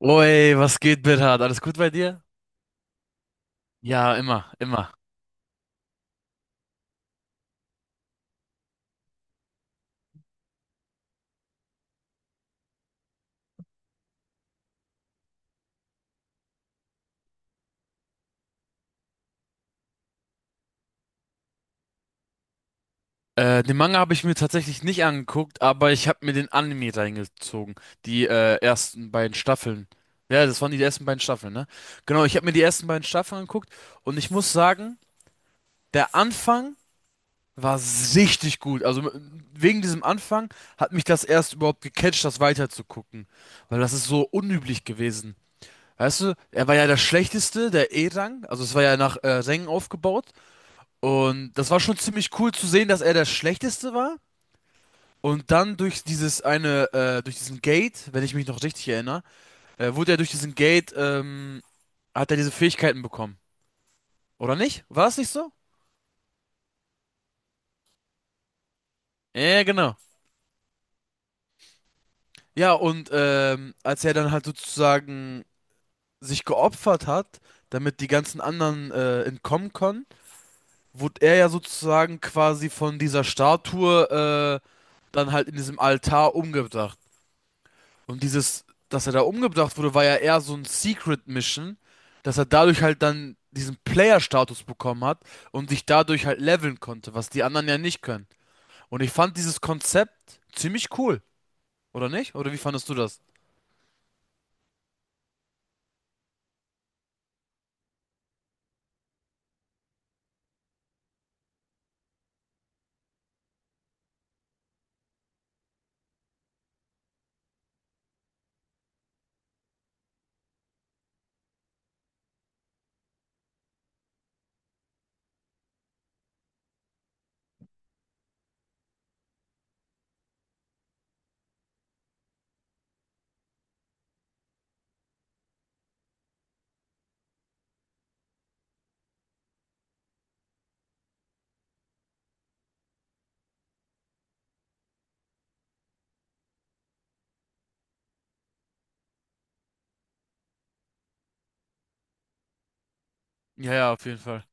Oi, was geht, Bernhard? Alles gut bei dir? Ja, immer, immer. Den Manga habe ich mir tatsächlich nicht angeguckt, aber ich habe mir den Anime reingezogen. Die ersten beiden Staffeln. Ja, das waren die ersten beiden Staffeln, ne? Genau, ich habe mir die ersten beiden Staffeln angeguckt und ich muss sagen, der Anfang war richtig gut. Also wegen diesem Anfang hat mich das erst überhaupt gecatcht, das weiterzugucken. Weil das ist so unüblich gewesen. Weißt du, er war ja der Schlechteste, der E-Rang. Also es war ja nach Rängen aufgebaut. Und das war schon ziemlich cool zu sehen, dass er der Schlechteste war. Und dann durch dieses durch diesen Gate, wenn ich mich noch richtig erinnere, wurde er durch diesen Gate, hat er diese Fähigkeiten bekommen. Oder nicht? War das nicht so? Ja, genau. Ja, und als er dann halt sozusagen sich geopfert hat, damit die ganzen anderen entkommen können, wurde er ja sozusagen quasi von dieser Statue dann halt in diesem Altar umgebracht. Und dieses, dass er da umgebracht wurde, war ja eher so ein Secret Mission, dass er dadurch halt dann diesen Player-Status bekommen hat und sich dadurch halt leveln konnte, was die anderen ja nicht können. Und ich fand dieses Konzept ziemlich cool, oder nicht? Oder wie fandest du das? Ja, ja, auf jeden Fall.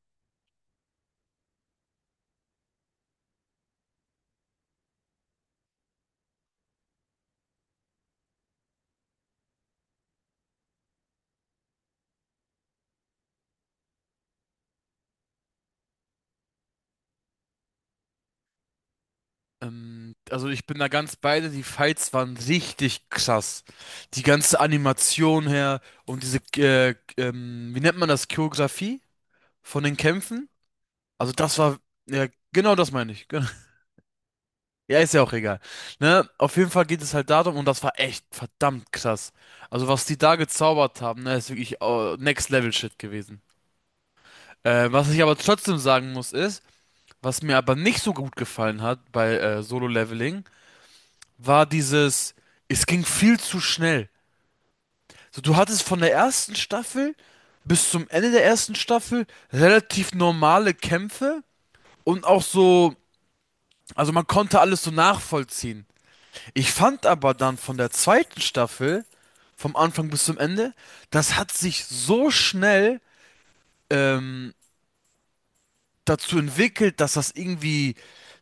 Also ich bin da ganz beide, die Fights waren richtig krass. Die ganze Animation her und diese, wie nennt man das, Choreografie von den Kämpfen? Also das war, ja, genau das meine ich. Ja, ist ja auch egal. Ne? Auf jeden Fall geht es halt darum, und das war echt verdammt krass. Also, was die da gezaubert haben, ne, ist wirklich Next Level Shit gewesen. Was ich aber trotzdem sagen muss, ist, was mir aber nicht so gut gefallen hat bei Solo Leveling, war dieses, es ging viel zu schnell. So, du hattest von der ersten Staffel bis zum Ende der ersten Staffel relativ normale Kämpfe und auch so, also man konnte alles so nachvollziehen. Ich fand aber dann von der zweiten Staffel, vom Anfang bis zum Ende, das hat sich so schnell ähm, dazu entwickelt, dass das irgendwie,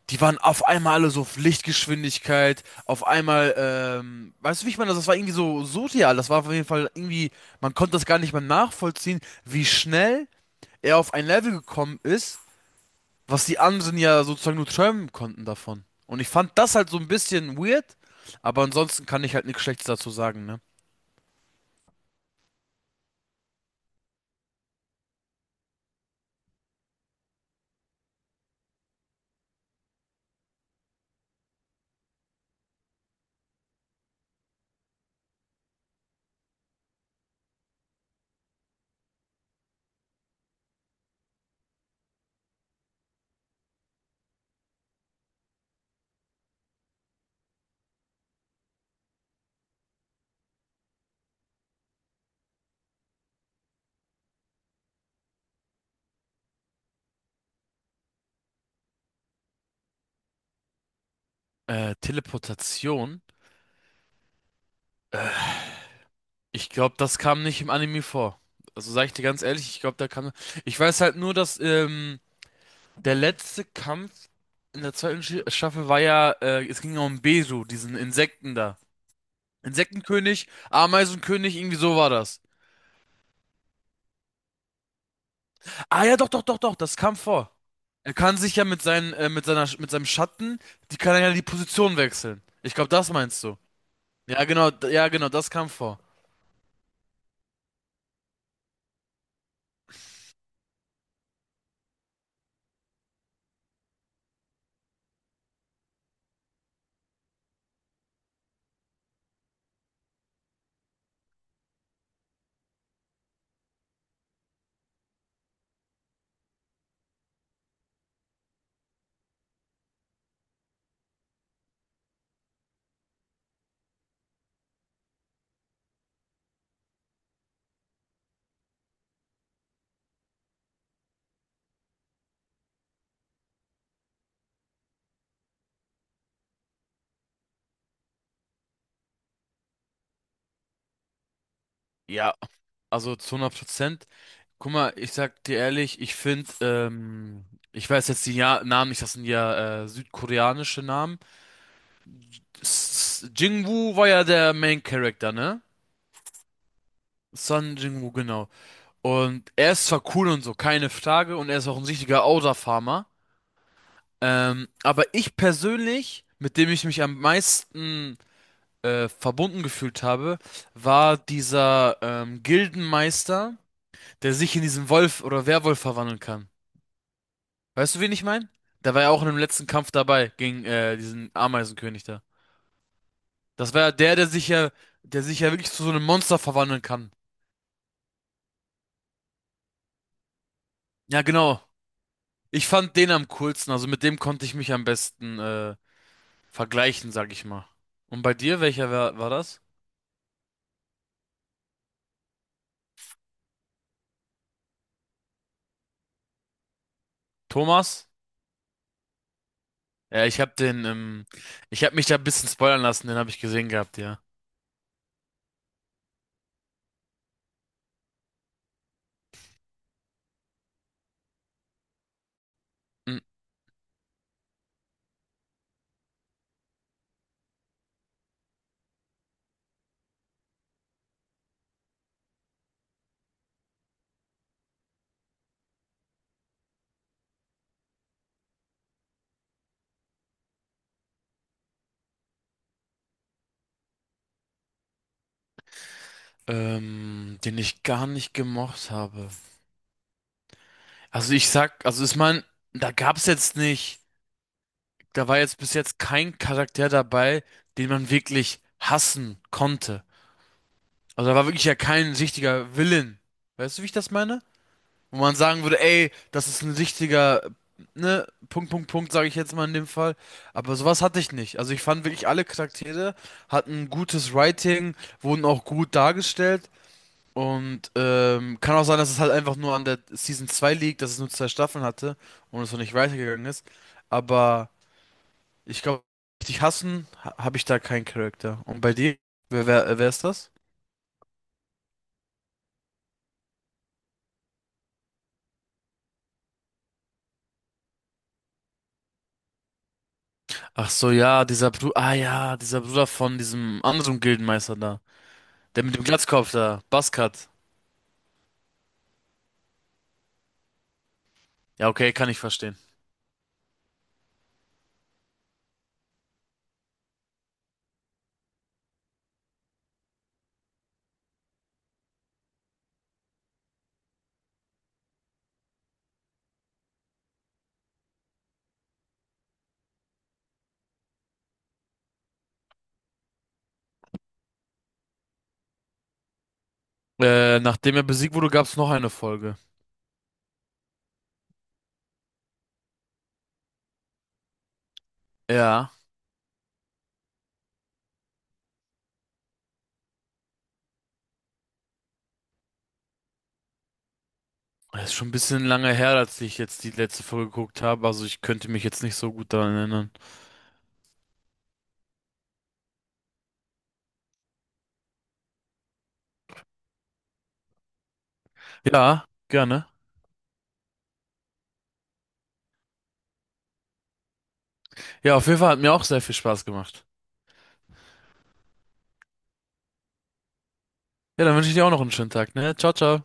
die waren auf einmal alle so auf Lichtgeschwindigkeit, auf einmal, weißt du, wie ich meine, das war irgendwie so surreal, das war auf jeden Fall irgendwie, man konnte das gar nicht mehr nachvollziehen, wie schnell er auf ein Level gekommen ist, was die anderen ja sozusagen nur träumen konnten davon. Und ich fand das halt so ein bisschen weird, aber ansonsten kann ich halt nichts Schlechtes dazu sagen, ne? Teleportation? Ich glaube, das kam nicht im Anime vor. Also sage ich dir ganz ehrlich, ich glaube, da kam. Ich weiß halt nur, dass der letzte Kampf in der zweiten Staffel war ja, es ging ja um Besu, diesen Insekten da. Insektenkönig, Ameisenkönig, irgendwie so war das. Ah ja, doch, doch, doch, doch, das kam vor. Er kann sich ja mit mit seinem Schatten, die kann er ja die Position wechseln. Ich glaube, das meinst du. Ja, ja, genau, das kam vor. Ja, also zu 100%. Guck mal, ich sag dir ehrlich, ich finde, ich weiß jetzt die ja Namen nicht, das sind ja südkoreanische Namen. Jingwoo war ja der Main Character, ne? Son Jingwoo, genau. Und er ist zwar cool und so, keine Frage, und er ist auch ein richtiger Outer farmer. Aber ich persönlich, mit dem ich mich am meisten verbunden gefühlt habe, war dieser Gildenmeister, der sich in diesen Wolf oder Werwolf verwandeln kann. Weißt du, wen ich meine? Der war ja auch in dem letzten Kampf dabei gegen diesen Ameisenkönig da. Das war ja der sich ja wirklich zu so einem Monster verwandeln kann. Ja, genau. Ich fand den am coolsten, also mit dem konnte ich mich am besten vergleichen, sag ich mal. Und bei dir, war das? Thomas? Ja, ich hab ich hab mich da ein bisschen spoilern lassen, den habe ich gesehen gehabt, ja. Hm. Den ich gar nicht gemocht habe. Also ich sag, also ich mein, da gab's jetzt nicht. Da war jetzt bis jetzt kein Charakter dabei, den man wirklich hassen konnte. Also da war wirklich ja kein richtiger Villain. Weißt du, wie ich das meine? Wo man sagen würde, ey, das ist ein richtiger, ne, Punkt, Punkt, Punkt, sage ich jetzt mal in dem Fall. Aber sowas hatte ich nicht. Also ich fand wirklich alle Charaktere hatten gutes Writing, wurden auch gut dargestellt. Und kann auch sein, dass es halt einfach nur an der Season 2 liegt, dass es nur zwei Staffeln hatte und es noch nicht weitergegangen ist. Aber. Ich glaube, richtig hassen habe ich da keinen Charakter. Und bei dir? Wer, wer ist das? Ach so, ja, dieser Bruder. Ah ja, dieser Bruder von diesem anderen Gildenmeister da. Der mit dem Glatzkopf da. Baskat. Ja, okay, kann ich verstehen. Nachdem er besiegt wurde, gab es noch eine Folge. Ja. Oh, das ist schon ein bisschen lange her, als ich jetzt die letzte Folge geguckt habe. Also ich könnte mich jetzt nicht so gut daran erinnern. Ja, gerne. Ja, auf jeden Fall hat mir auch sehr viel Spaß gemacht. Ja, dann wünsche ich dir auch noch einen schönen Tag, ne? Ciao, ciao.